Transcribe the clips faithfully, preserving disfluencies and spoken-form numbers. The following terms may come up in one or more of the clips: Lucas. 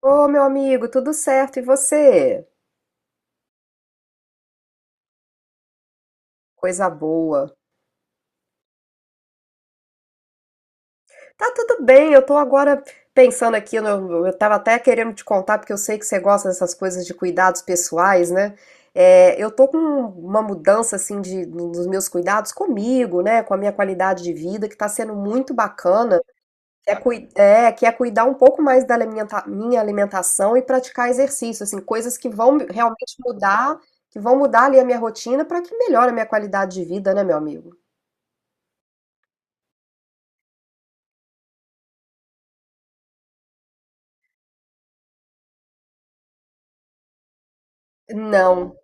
Ô, meu amigo, tudo certo? E você? Coisa boa. Tá tudo bem, eu tô agora pensando aqui, no- eu tava até querendo te contar, porque eu sei que você gosta dessas coisas de cuidados pessoais, né? É, eu tô com uma mudança, assim, de, nos meus cuidados comigo, né? Com a minha qualidade de vida, que tá sendo muito bacana. É, cui- é, que é cuidar um pouco mais da alimenta- minha alimentação e praticar exercício, assim, coisas que vão realmente mudar, que vão mudar ali a minha rotina para que melhore a minha qualidade de vida, né, meu amigo? Não.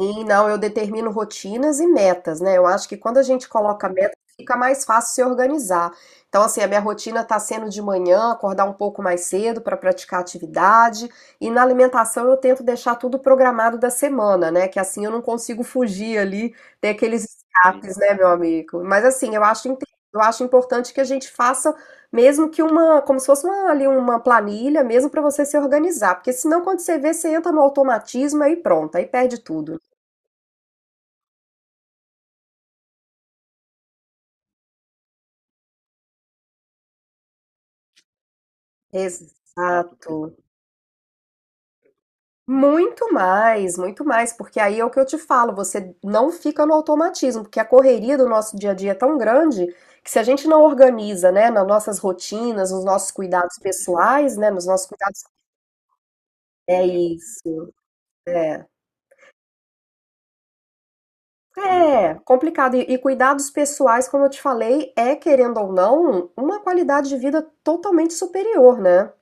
Sim, não, eu determino rotinas e metas, né? Eu acho que quando a gente coloca metas, fica mais fácil se organizar. Então, assim, a minha rotina tá sendo de manhã, acordar um pouco mais cedo para praticar atividade, e na alimentação eu tento deixar tudo programado da semana, né? Que assim eu não consigo fugir ali, ter aqueles escapes, né, meu amigo? Mas assim, eu acho, inte- eu acho importante que a gente faça mesmo que uma, como se fosse uma, ali uma planilha, mesmo para você se organizar, porque senão quando você vê, você entra no automatismo aí pronto, aí perde tudo, né? Exato. Muito mais, muito mais, porque aí é o que eu te falo, você não fica no automatismo, porque a correria do nosso dia a dia é tão grande que se a gente não organiza, né, nas nossas rotinas, nos nossos cuidados pessoais, né, nos nossos cuidados. É isso, é. É complicado. E, e cuidados pessoais, como eu te falei, é, querendo ou não, uma qualidade de vida totalmente superior, né?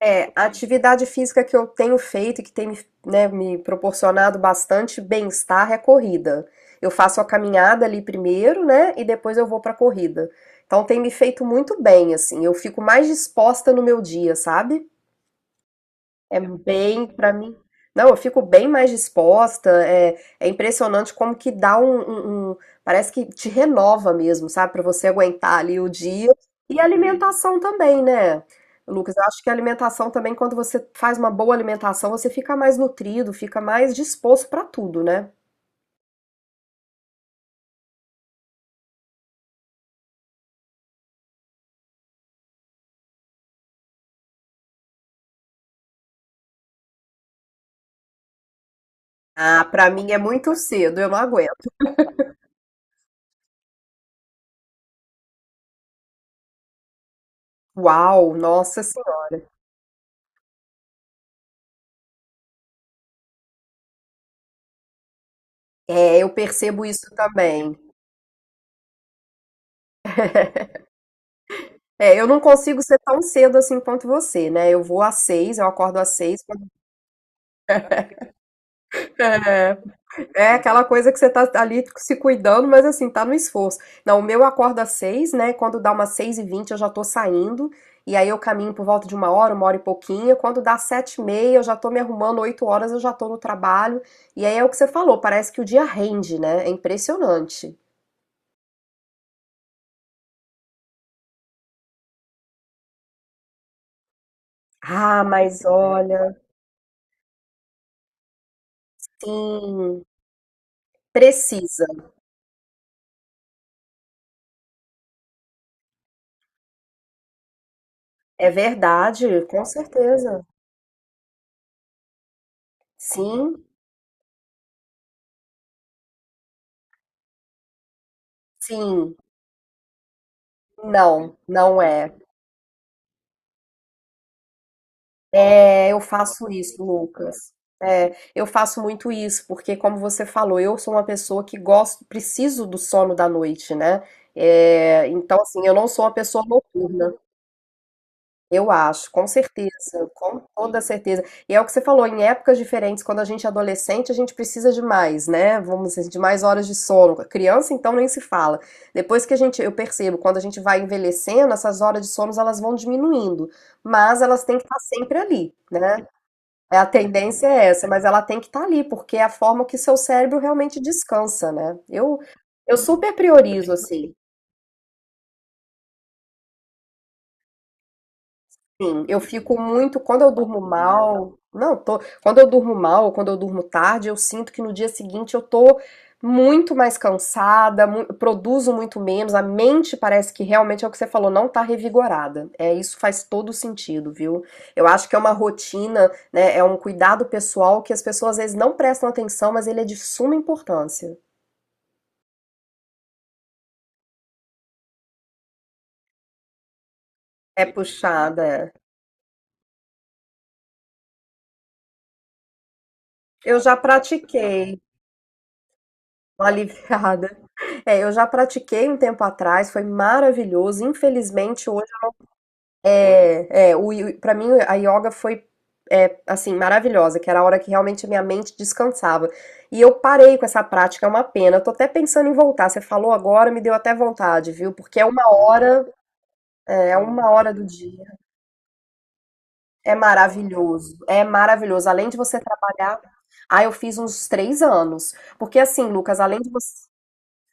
É, a atividade física que eu tenho feito e que tem me, né, me proporcionado bastante bem-estar é a corrida. Eu faço a caminhada ali primeiro, né, e depois eu vou pra corrida. Então tem me feito muito bem, assim, eu fico mais disposta no meu dia, sabe? É bem, pra mim. Não, eu fico bem mais disposta. É, é impressionante como que dá um, um- um- Parece que te renova mesmo, sabe? Pra você aguentar ali o dia. E a alimentação também, né? Lucas, eu acho que a alimentação também, quando você faz uma boa alimentação, você fica mais nutrido, fica mais disposto pra tudo, né? Ah, pra mim é muito cedo, eu não aguento. Uau, nossa senhora. É, eu percebo isso também. É, eu não consigo ser tão cedo assim quanto você, né? Eu vou às seis, eu acordo às seis. É, é aquela coisa que você tá ali se cuidando, mas assim, tá no esforço. Não, o meu acorda às seis, né? Quando dá umas seis e vinte eu já tô saindo, e aí eu caminho por volta de uma hora, uma hora e pouquinho. Quando dá sete e meia eu já tô me arrumando, oito horas eu já tô no trabalho. E aí é o que você falou, parece que o dia rende, né? É impressionante. Ah, mas olha, sim, precisa. É verdade, com certeza. Sim, sim. Não, não é. É, eu faço isso, Lucas. É, eu faço muito isso, porque como você falou, eu sou uma pessoa que gosto, preciso do sono da noite, né? É, então, assim, eu não sou uma pessoa noturna, eu acho, com certeza, com toda certeza. E é o que você falou, em épocas diferentes, quando a gente é adolescente, a gente precisa de mais, né? Vamos dizer, de mais horas de sono. Criança, então, nem se fala. Depois que a gente, eu percebo, quando a gente vai envelhecendo, essas horas de sono, elas vão diminuindo, mas elas têm que estar sempre ali, né? É, a tendência é essa, mas ela tem que estar ali, porque é a forma que seu cérebro realmente descansa, né? Eu, eu super priorizo, assim. Sim, eu fico muito, quando eu durmo mal, não, tô, quando eu durmo mal, ou quando eu durmo tarde, eu sinto que no dia seguinte eu tô muito mais cansada, mu- produzo muito menos, a mente parece que realmente é o que você falou, não tá revigorada. É, isso faz todo sentido, viu? Eu acho que é uma rotina, né, é um cuidado pessoal que as pessoas às vezes não prestam atenção, mas ele é de suma importância. É puxada, é. Eu já pratiquei. Aliviada. É, eu já pratiquei um tempo atrás, foi maravilhoso. Infelizmente, hoje é, é o, para mim a yoga foi é, assim maravilhosa, que era a hora que realmente a minha mente descansava. E eu parei com essa prática, é uma pena. Eu tô até pensando em voltar. Você falou agora, me deu até vontade, viu? Porque é uma hora, é uma hora do dia. É maravilhoso, é maravilhoso. Além de você trabalhar, ah, eu fiz uns três anos. Porque assim, Lucas, além de você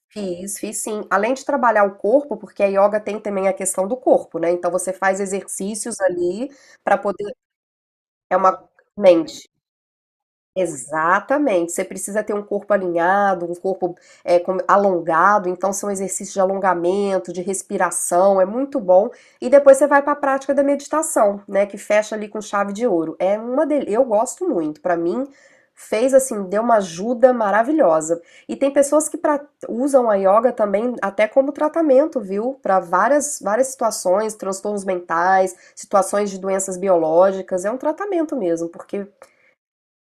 Fiz, fiz sim. Além de trabalhar o corpo, porque a yoga tem também a questão do corpo, né? Então você faz exercícios ali para poder. É uma mente. Exatamente, você precisa ter um corpo alinhado, um corpo eh, com- alongado, então são exercícios de alongamento, de respiração, é muito bom. E depois você vai para a prática da meditação, né, que fecha ali com chave de ouro. É uma del... eu gosto muito, para mim fez assim, deu uma ajuda maravilhosa. E tem pessoas que pra- usam a yoga também até como tratamento, viu? Para várias várias situações, transtornos mentais, situações de doenças biológicas, é um tratamento mesmo, porque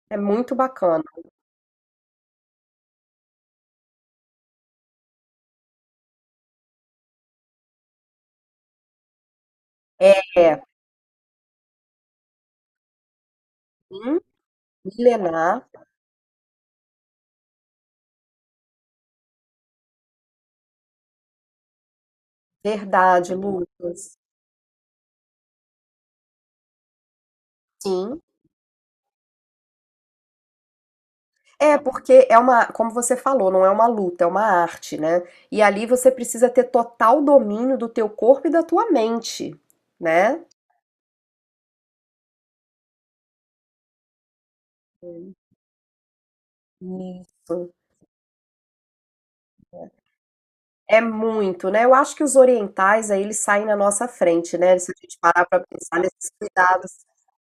é muito bacana. É, sim, milenar, verdade, Lucas. Sim. É, porque é uma, como você falou, não é uma luta, é uma arte, né? E ali você precisa ter total domínio do teu corpo e da tua mente, né? Isso. É muito, né? Eu acho que os orientais aí eles saem na nossa frente, né? Se a gente parar para pensar nesses cuidados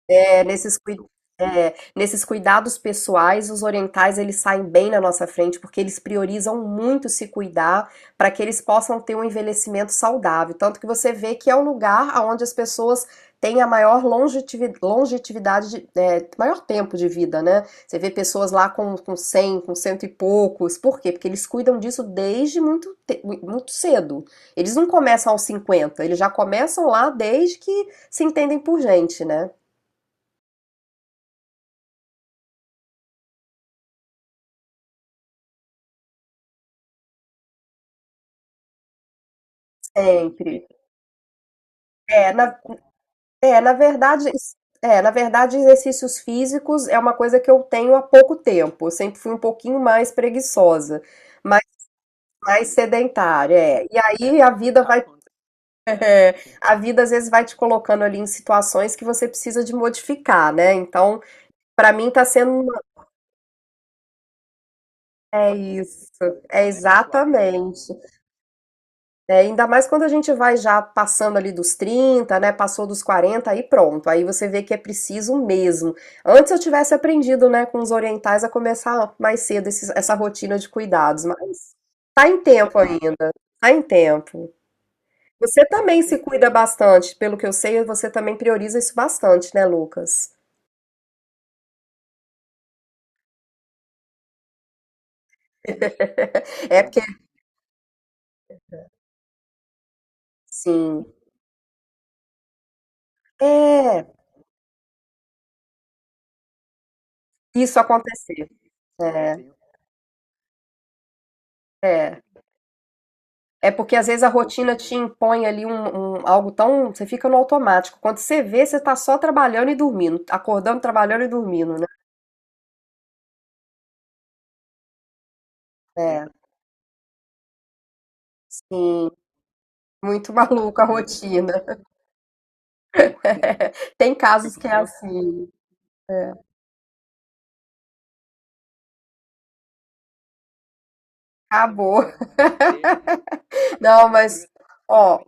É, nesses, cui- é, nesses cuidados pessoais, os orientais eles saem bem na nossa frente porque eles priorizam muito se cuidar para que eles possam ter um envelhecimento saudável. Tanto que você vê que é o lugar onde as pessoas têm a maior longevi- longevidade, de- é, maior tempo de vida, né? Você vê pessoas lá com, com cem, com cento e poucos. Por quê? Porque eles cuidam disso desde muito, te- muito cedo. Eles não começam aos cinquenta, eles já começam lá desde que se entendem por gente, né? Sempre. É, na, é, na verdade, es- é, na verdade, exercícios físicos é uma coisa que eu tenho há pouco tempo. Eu sempre fui um pouquinho mais preguiçosa, mas mais sedentária. É. E aí a vida vai, é, a vida às vezes vai te colocando ali em situações que você precisa de modificar, né? Então, para mim tá sendo, uma- É isso, é exatamente. É, ainda mais quando a gente vai já passando ali dos trinta, né? Passou dos quarenta aí pronto. Aí você vê que é preciso mesmo. Antes eu tivesse aprendido, né, com os orientais a começar mais cedo esses- essa rotina de cuidados, mas tá em tempo ainda, tá em tempo. Você também se cuida bastante, pelo que eu sei, você também prioriza isso bastante, né, Lucas? É porque, sim, é isso acontecer. É, é. É porque às vezes a rotina te impõe ali um, um- algo tão. Você fica no automático. Quando você vê, você tá só trabalhando e dormindo, acordando, trabalhando e dormindo, né? É, sim. Muito maluca a rotina. Tem casos que é assim. É, acabou. Não, mas, ó,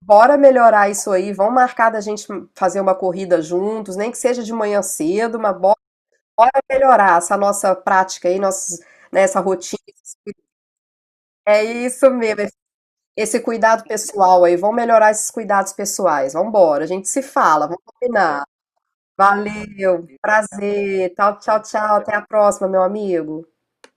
bora melhorar isso aí. Vamos marcar da gente fazer uma corrida juntos, nem que seja de manhã cedo, mas bora, bora melhorar essa nossa prática aí, nossos, né, essa rotina. É isso mesmo. Esse cuidado pessoal aí, vamos melhorar esses cuidados pessoais. Vamos embora, a gente se fala, vamos combinar. Valeu, prazer. Tchau, tchau, tchau. Até a próxima, meu amigo.